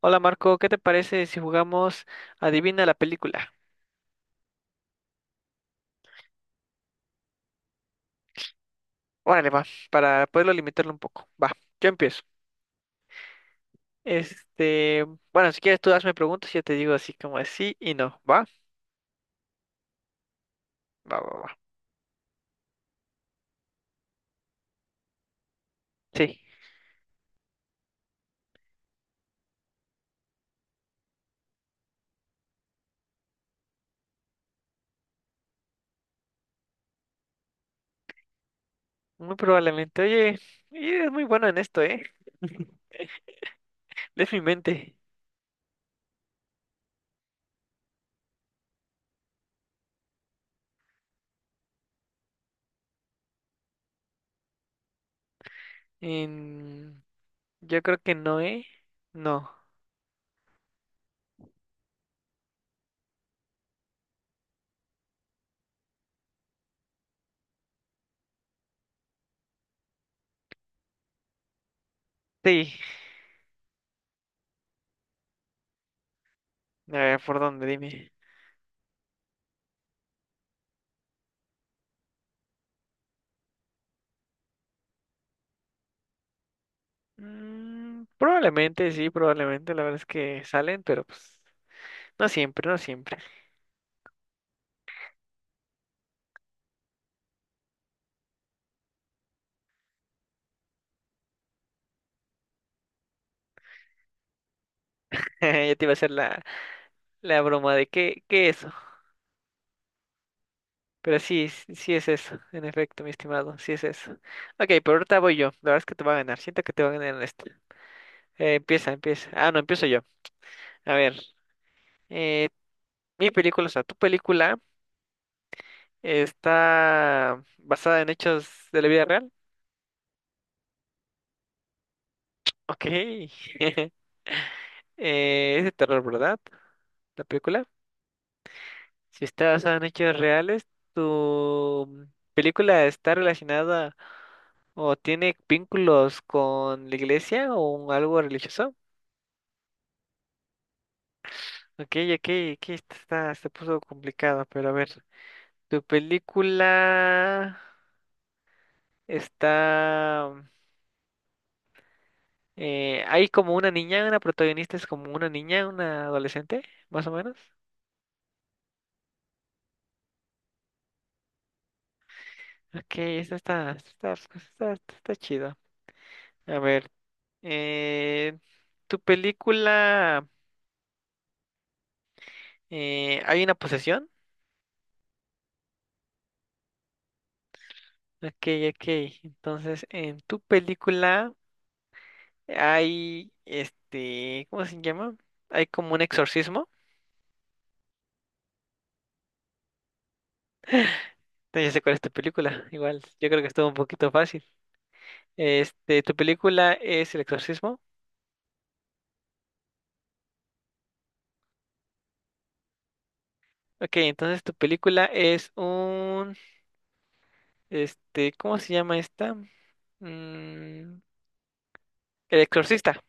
Hola Marco, ¿qué te parece si jugamos Adivina la película? Órale, va, para poderlo limitarlo un poco. Va, yo empiezo. Este, bueno, si quieres tú hazme preguntas y yo te digo así como así y no. ¿Va? Va, va, va. Sí, muy probablemente. Oye, y eres muy bueno en esto, ¿eh? Lees mi mente. En- Yo creo que no, ¿eh? No. Sí. A ver, ¿por dónde? Dime. Mm, probablemente, sí, probablemente. La verdad es que salen, pero pues no siempre, no siempre. Ya te iba a hacer la... La broma de qué, qué eso. Pero sí, sí es eso, en efecto, mi estimado, sí es eso. Ok, pero ahorita voy yo. La verdad es que te va a ganar. Siento que te va a ganar en esta. Empieza, empieza. Ah, no, empiezo yo. A ver, eh, mi película, o sea, tu película está basada en hechos de la vida real. Ok. Es de terror, ¿verdad? La película. Si está basada en hechos reales, ¿tu película está relacionada o tiene vínculos con la iglesia o algo religioso? Ok, ok, aquí está, se puso complicado, pero a ver, tu película está... hay como una niña, una protagonista es como una niña, una adolescente, más o menos. Ok, esta está, esta está, esta está, esta está chido. A ver, eh, tu película... hay una posesión. Ok, ok. Entonces, en tu película hay, ¿cómo se llama? Hay como un exorcismo. Entonces, ya sé cuál es tu película. Igual, yo creo que estuvo un poquito fácil. Tu película es el exorcismo. Ok, entonces tu película es un, ¿cómo se llama esta? Mm, el exorcista.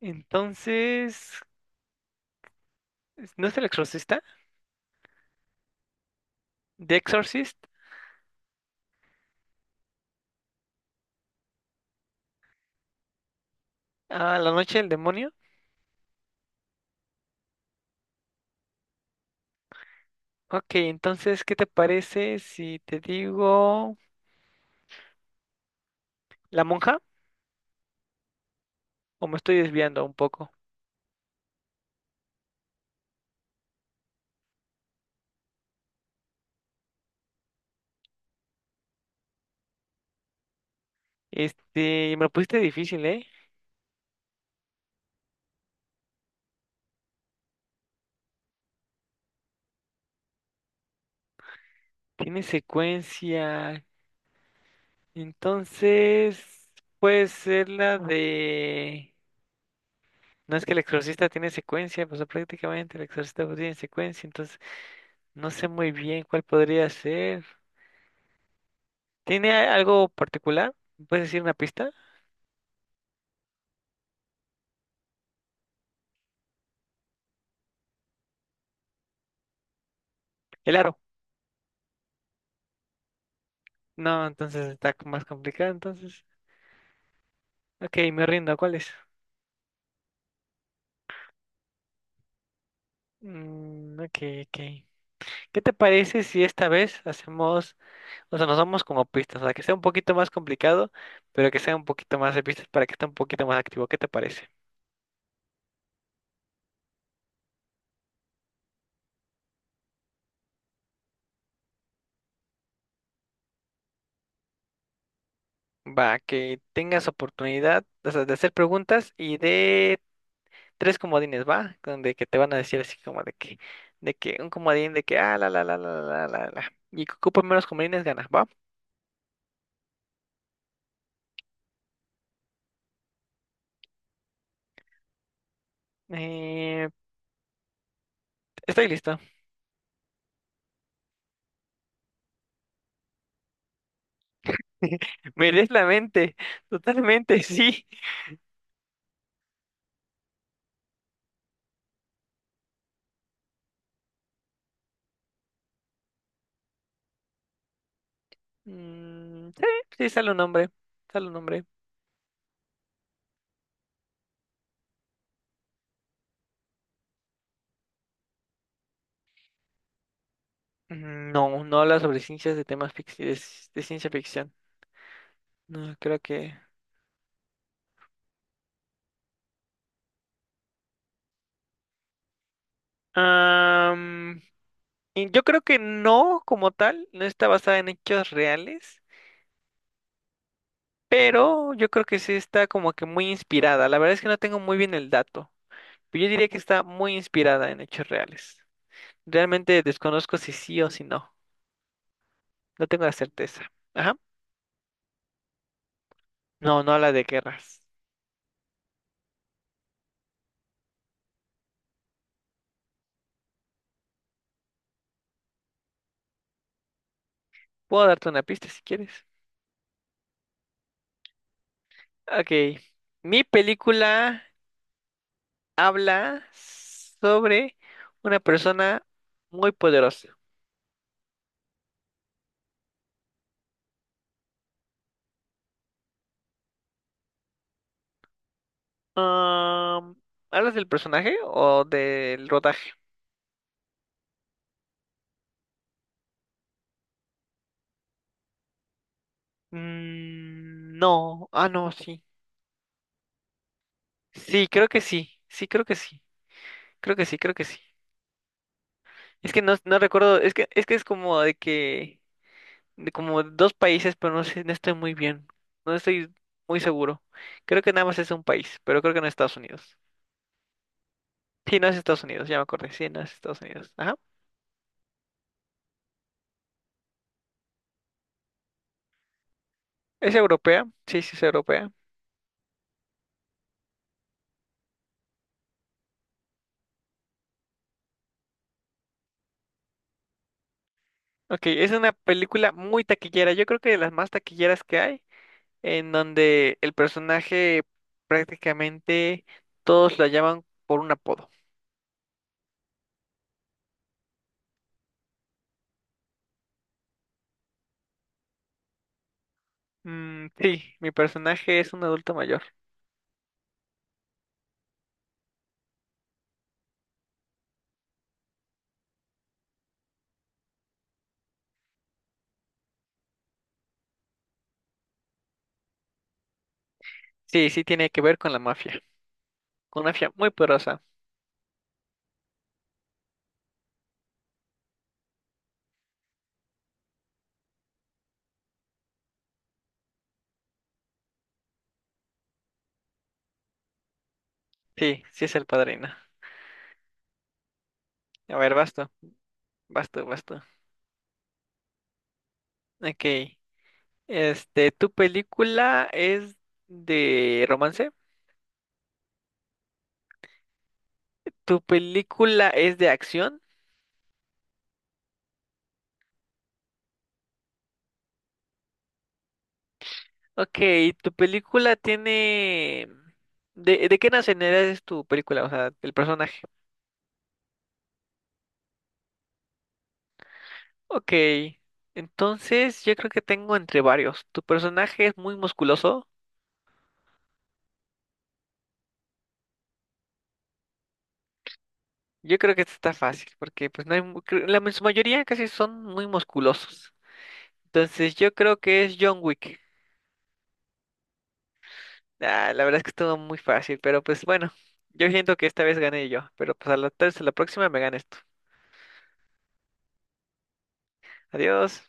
Entonces, ¿no es el exorcista? ¿The Exorcist? Ah, la noche del demonio. Ok, entonces, ¿qué te parece si te digo la monja? ¿O me estoy desviando un poco? Me lo pusiste difícil, ¿eh? Tiene secuencia. Entonces, puede ser la de... No es que el exorcista tiene secuencia, pues prácticamente el exorcista pues, tiene secuencia, entonces no sé muy bien cuál podría ser. ¿Tiene algo particular? ¿Me ¿Puedes decir una pista? El aro. No, entonces está más complicado, entonces. Ok, me rindo, ¿cuál es? Mm, ok, ok. ¿Qué te parece si esta vez hacemos, o sea, nos vamos como pistas, o sea, que sea un poquito más complicado, pero que sea un poquito más de pistas para que esté un poquito más activo? ¿Qué te parece? Va, que tengas oportunidad, o sea, de hacer preguntas y de tres comodines, ¿va? Donde que te van a decir así como de que un comodín de que, ah, la, la, la, la, la, la, la, y que ocupe menos comodines gana, ¿va? Eh, estoy listo. Me lees la mente, totalmente, sí. Mm, sí, sí, sale un nombre. Sale un nombre. Mm, no, no habla sobre ciencias de temas de ciencia ficción. No, creo que. Am, y yo creo que no, como tal, no está basada en hechos reales, pero yo creo que sí está como que muy inspirada. La verdad es que no tengo muy bien el dato, pero yo diría que está muy inspirada en hechos reales. Realmente desconozco si sí o si no. No tengo la certeza. Ajá. No, no habla de guerras. Puedo darte una pista si quieres. Ok, mi película habla sobre una persona muy poderosa. Am, ¿Hablas del personaje o del rodaje? Mm, no, ah, no, sí. Sí, creo que sí, sí, creo que sí, creo que sí, creo que sí. Es que no, no recuerdo, es que es como de que, de como dos países, pero no sé, no estoy muy bien, no estoy muy seguro. Creo que nada más es un país, pero creo que no es Estados Unidos. Sí, no es Estados Unidos, ya me acordé. Sí, no es Estados Unidos. Ajá. ¿Es europea? Sí, sí, es europea. Ok, es una película muy taquillera. Yo creo que de las más taquilleras que hay, en donde el personaje prácticamente todos lo llaman por un apodo. Mm, sí, mi personaje es un adulto mayor. Sí, sí tiene que ver con la mafia. Con una mafia muy poderosa. Sí, sí es el padrino. A ver, basta, basta, basta. Ok. ¿Tu película es de romance? ¿Tu película es de acción? Ok, ¿tu película tiene... de qué nacionalidad es tu película? O sea, el personaje. Ok, entonces yo creo que tengo entre varios. ¿Tu personaje es muy musculoso? Yo creo que esta está fácil, porque pues no hay... La en su mayoría casi son muy musculosos. Entonces yo creo que es John Wick. Ah, la verdad es que estuvo muy fácil, pero pues bueno, yo siento que esta vez gané yo, pero pues a la, tal vez a la próxima me ganes tú. Adiós.